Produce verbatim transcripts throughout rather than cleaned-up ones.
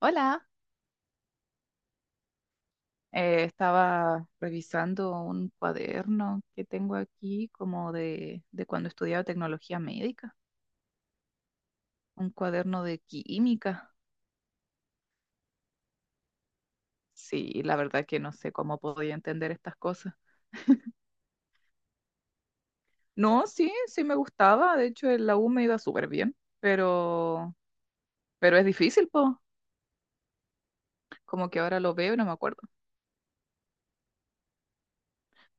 Hola, eh, estaba revisando un cuaderno que tengo aquí como de, de cuando estudiaba tecnología médica, un cuaderno de química. Sí, la verdad que no sé cómo podía entender estas cosas. No, sí, sí me gustaba, de hecho en la U me iba súper bien, pero, pero es difícil, po. Como que ahora lo veo y no me acuerdo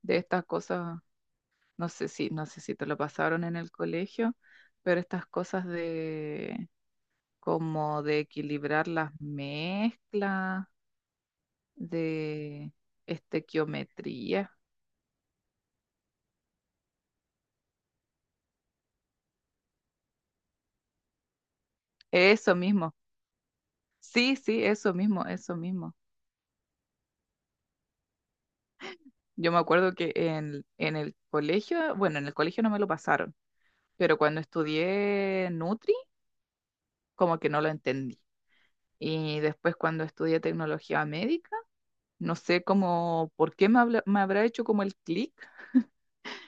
de estas cosas, no sé si, no sé si te lo pasaron en el colegio, pero estas cosas como de equilibrar las mezclas, de estequiometría. Eso mismo. Sí, sí, eso mismo, eso mismo. Yo me acuerdo que en, en el colegio, bueno, en el colegio no me lo pasaron, pero cuando estudié Nutri, como que no lo entendí. Y después cuando estudié tecnología médica, no sé cómo, por qué me, habla- me habrá hecho como el clic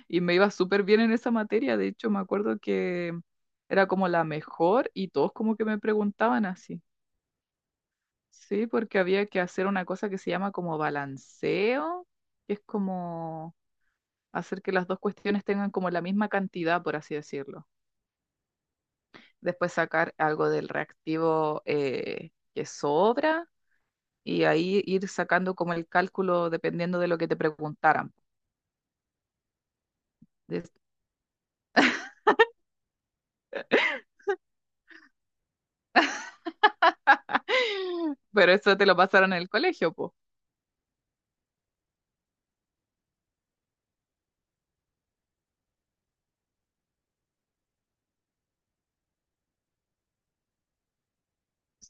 y me iba súper bien en esa materia. De hecho, me acuerdo que era como la mejor y todos como que me preguntaban así. Sí, porque había que hacer una cosa que se llama como balanceo, que es como hacer que las dos cuestiones tengan como la misma cantidad, por así decirlo. Después sacar algo del reactivo eh, que sobra y ahí ir sacando como el cálculo dependiendo de lo que te preguntaran. Des- Pero eso te lo pasaron en el colegio, po.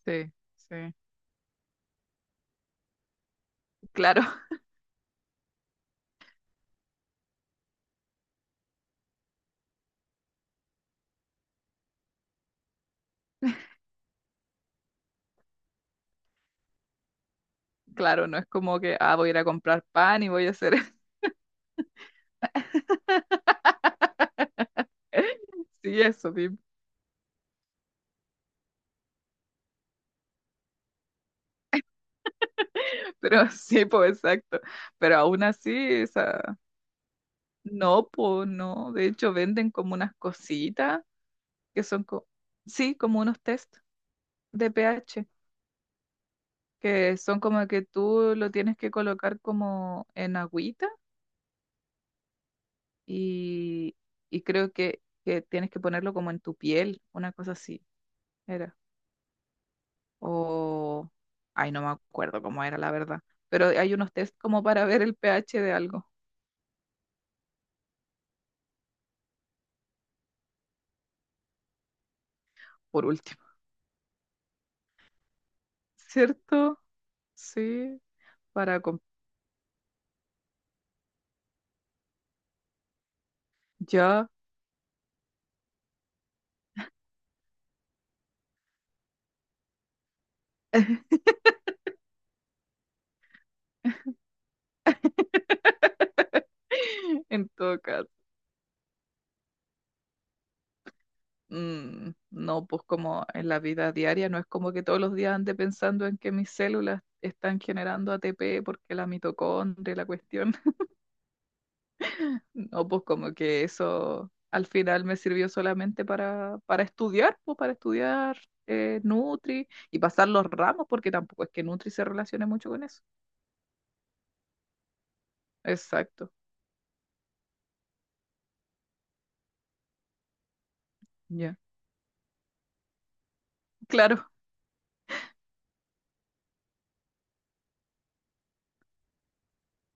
Sí, sí. Claro. Claro, no es como que, ah, voy a ir a comprar pan y voy a hacer, sí, eso, sí, pero sí, pues exacto. Pero aún así, esa, no, pues no. De hecho, venden como unas cositas que son, co- sí, como unos test de pH, que son como que tú lo tienes que colocar como en agüita y, y creo que, que tienes que ponerlo como en tu piel, una cosa así, era. O... Ay, no me acuerdo cómo era la verdad, pero hay unos test como para ver el pH de algo, por último. ¿Cierto? Sí, para... com- Ya. En todo caso, mm, no, pues como en la vida diaria, no es como que todos los días ande pensando en que mis células están generando A T P porque la mitocondria, y la cuestión. No, pues como que eso al final me sirvió solamente para, para estudiar, pues para estudiar eh, Nutri y pasar los ramos, porque tampoco es que Nutri se relacione mucho con eso. Exacto, ya. Claro,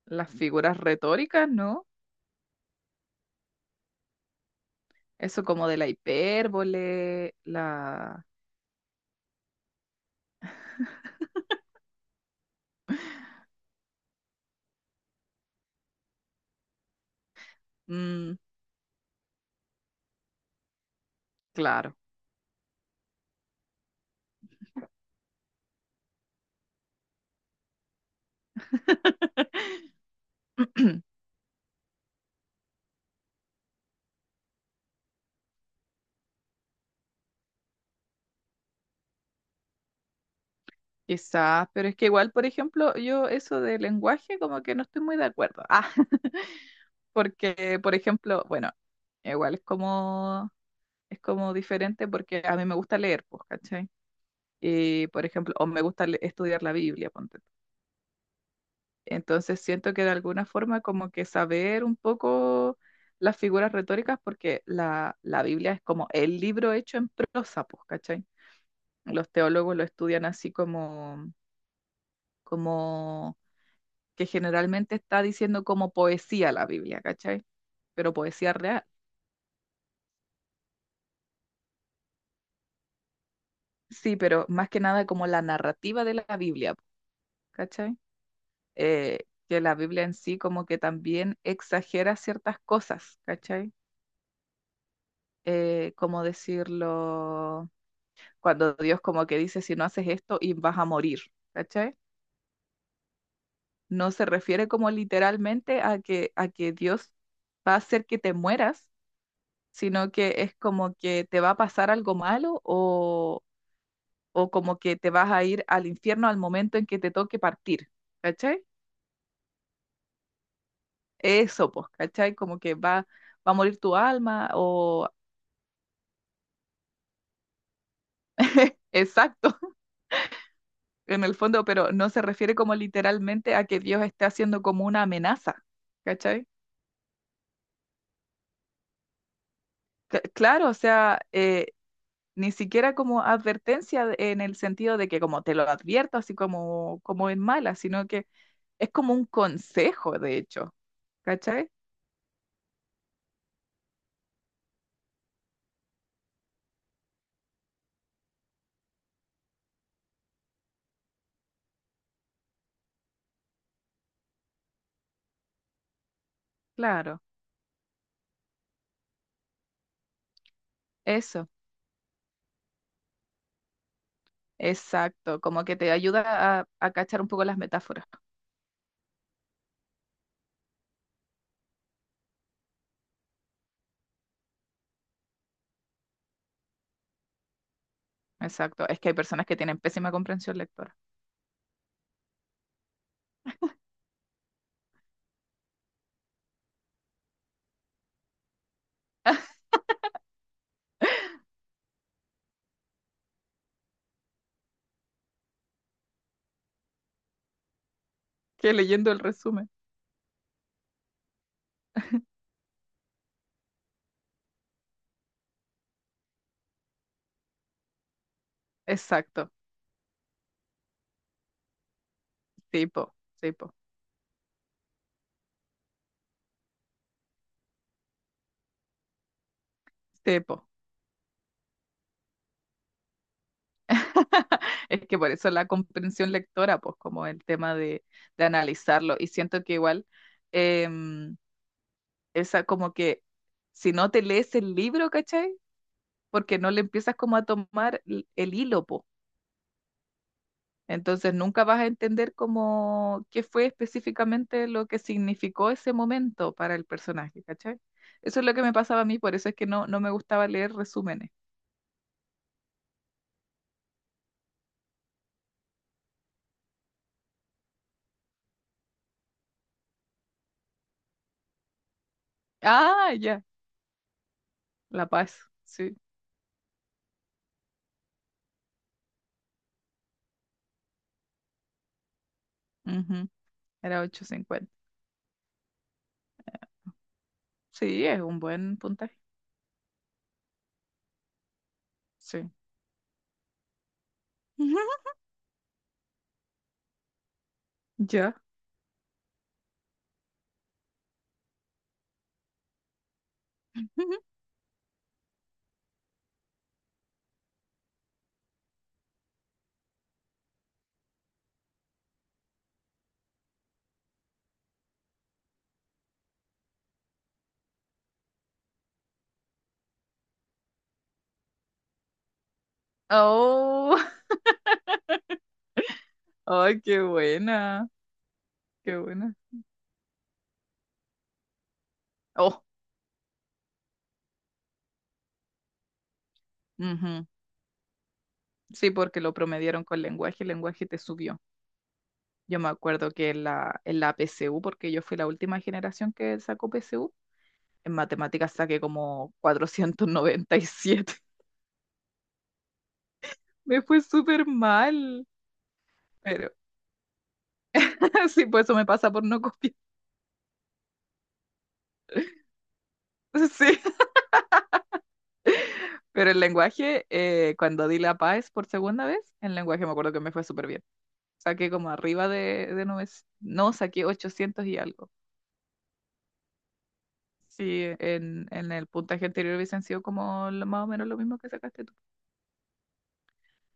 las figuras retóricas, ¿no? Eso como de la hipérbole, la... mm, claro. Quizás, pero es que igual, por ejemplo, yo eso de lenguaje como que no estoy muy de acuerdo. Ah, porque, por ejemplo, bueno, igual es como, es como diferente porque a mí me gusta leer, pues, ¿cachai? Y, por ejemplo, o me gusta le- estudiar la Biblia, ponte. Tú. Entonces siento que de alguna forma como que saber un poco las figuras retóricas porque la, la Biblia es como el libro hecho en prosa, pues, ¿cachai? Los teólogos lo estudian así como... como que generalmente está diciendo como poesía la Biblia, ¿cachai? Pero poesía real. Sí, pero más que nada como la narrativa de la Biblia, ¿cachai? Eh, que la Biblia en sí como que también exagera ciertas cosas, ¿cachai? Eh, como decirlo, cuando Dios como que dice, si no haces esto y vas a morir, ¿cachai? No se refiere como literalmente a que, a que Dios va a hacer que te mueras, sino que es como que te va a pasar algo malo o, o como que te vas a ir al infierno al momento en que te toque partir, ¿cachai? Eso, pues, ¿cachai? Como que va, va a morir tu alma o... Exacto, en el fondo, pero no se refiere como literalmente a que Dios esté haciendo como una amenaza, ¿cachai? C- claro, o sea, eh, ni siquiera como advertencia de- en el sentido de que como te lo advierto, así como, como en mala, sino que es como un consejo, de hecho, ¿cachai? Claro, eso. Exacto, como que te ayuda a, a cachar un poco las metáforas. Exacto, es que hay personas que tienen pésima comprensión lectora. Que leyendo el resumen. Exacto, tipo, tipo, tipo. Es que por eso la comprensión lectora, pues como el tema de, de analizarlo. Y siento que igual, em, esa como que si no te lees el libro, ¿cachai? Porque no le empiezas como a tomar l- el hilo, pues. Entonces nunca vas a entender cómo qué fue específicamente lo que significó ese momento para el personaje, ¿cachai? Eso es lo que me pasaba a mí, por eso es que no, no me gustaba leer resúmenes. Ah, ya, la Paz, sí. Ujú, era ochocientos cincuenta. Sí, es un buen puntaje. Sí. Ya. Oh, ay, qué buena, qué buena. Oh, ujú, sí, porque lo promediaron con lenguaje, el lenguaje te subió. Yo me acuerdo que en la, en la P S U, porque yo fui la última generación que sacó P S U, en matemáticas saqué como cuatrocientos noventa y siete. Me fue súper mal. Pero sí, pues eso me pasa por no copiar. Sí, pero el lenguaje, eh, cuando di la PAES por segunda vez, en lenguaje me acuerdo que me fue súper bien. Saqué como arriba de, de nove- no, saqué ochocientos y algo. Sí, en, en el puntaje anterior hubiesen sido como lo- más o menos lo mismo que sacaste tú.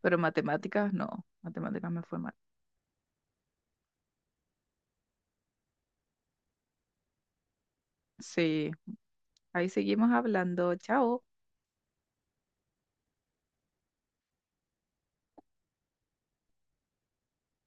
Pero en matemáticas, no, matemáticas me fue mal. Sí, ahí seguimos hablando. Chao.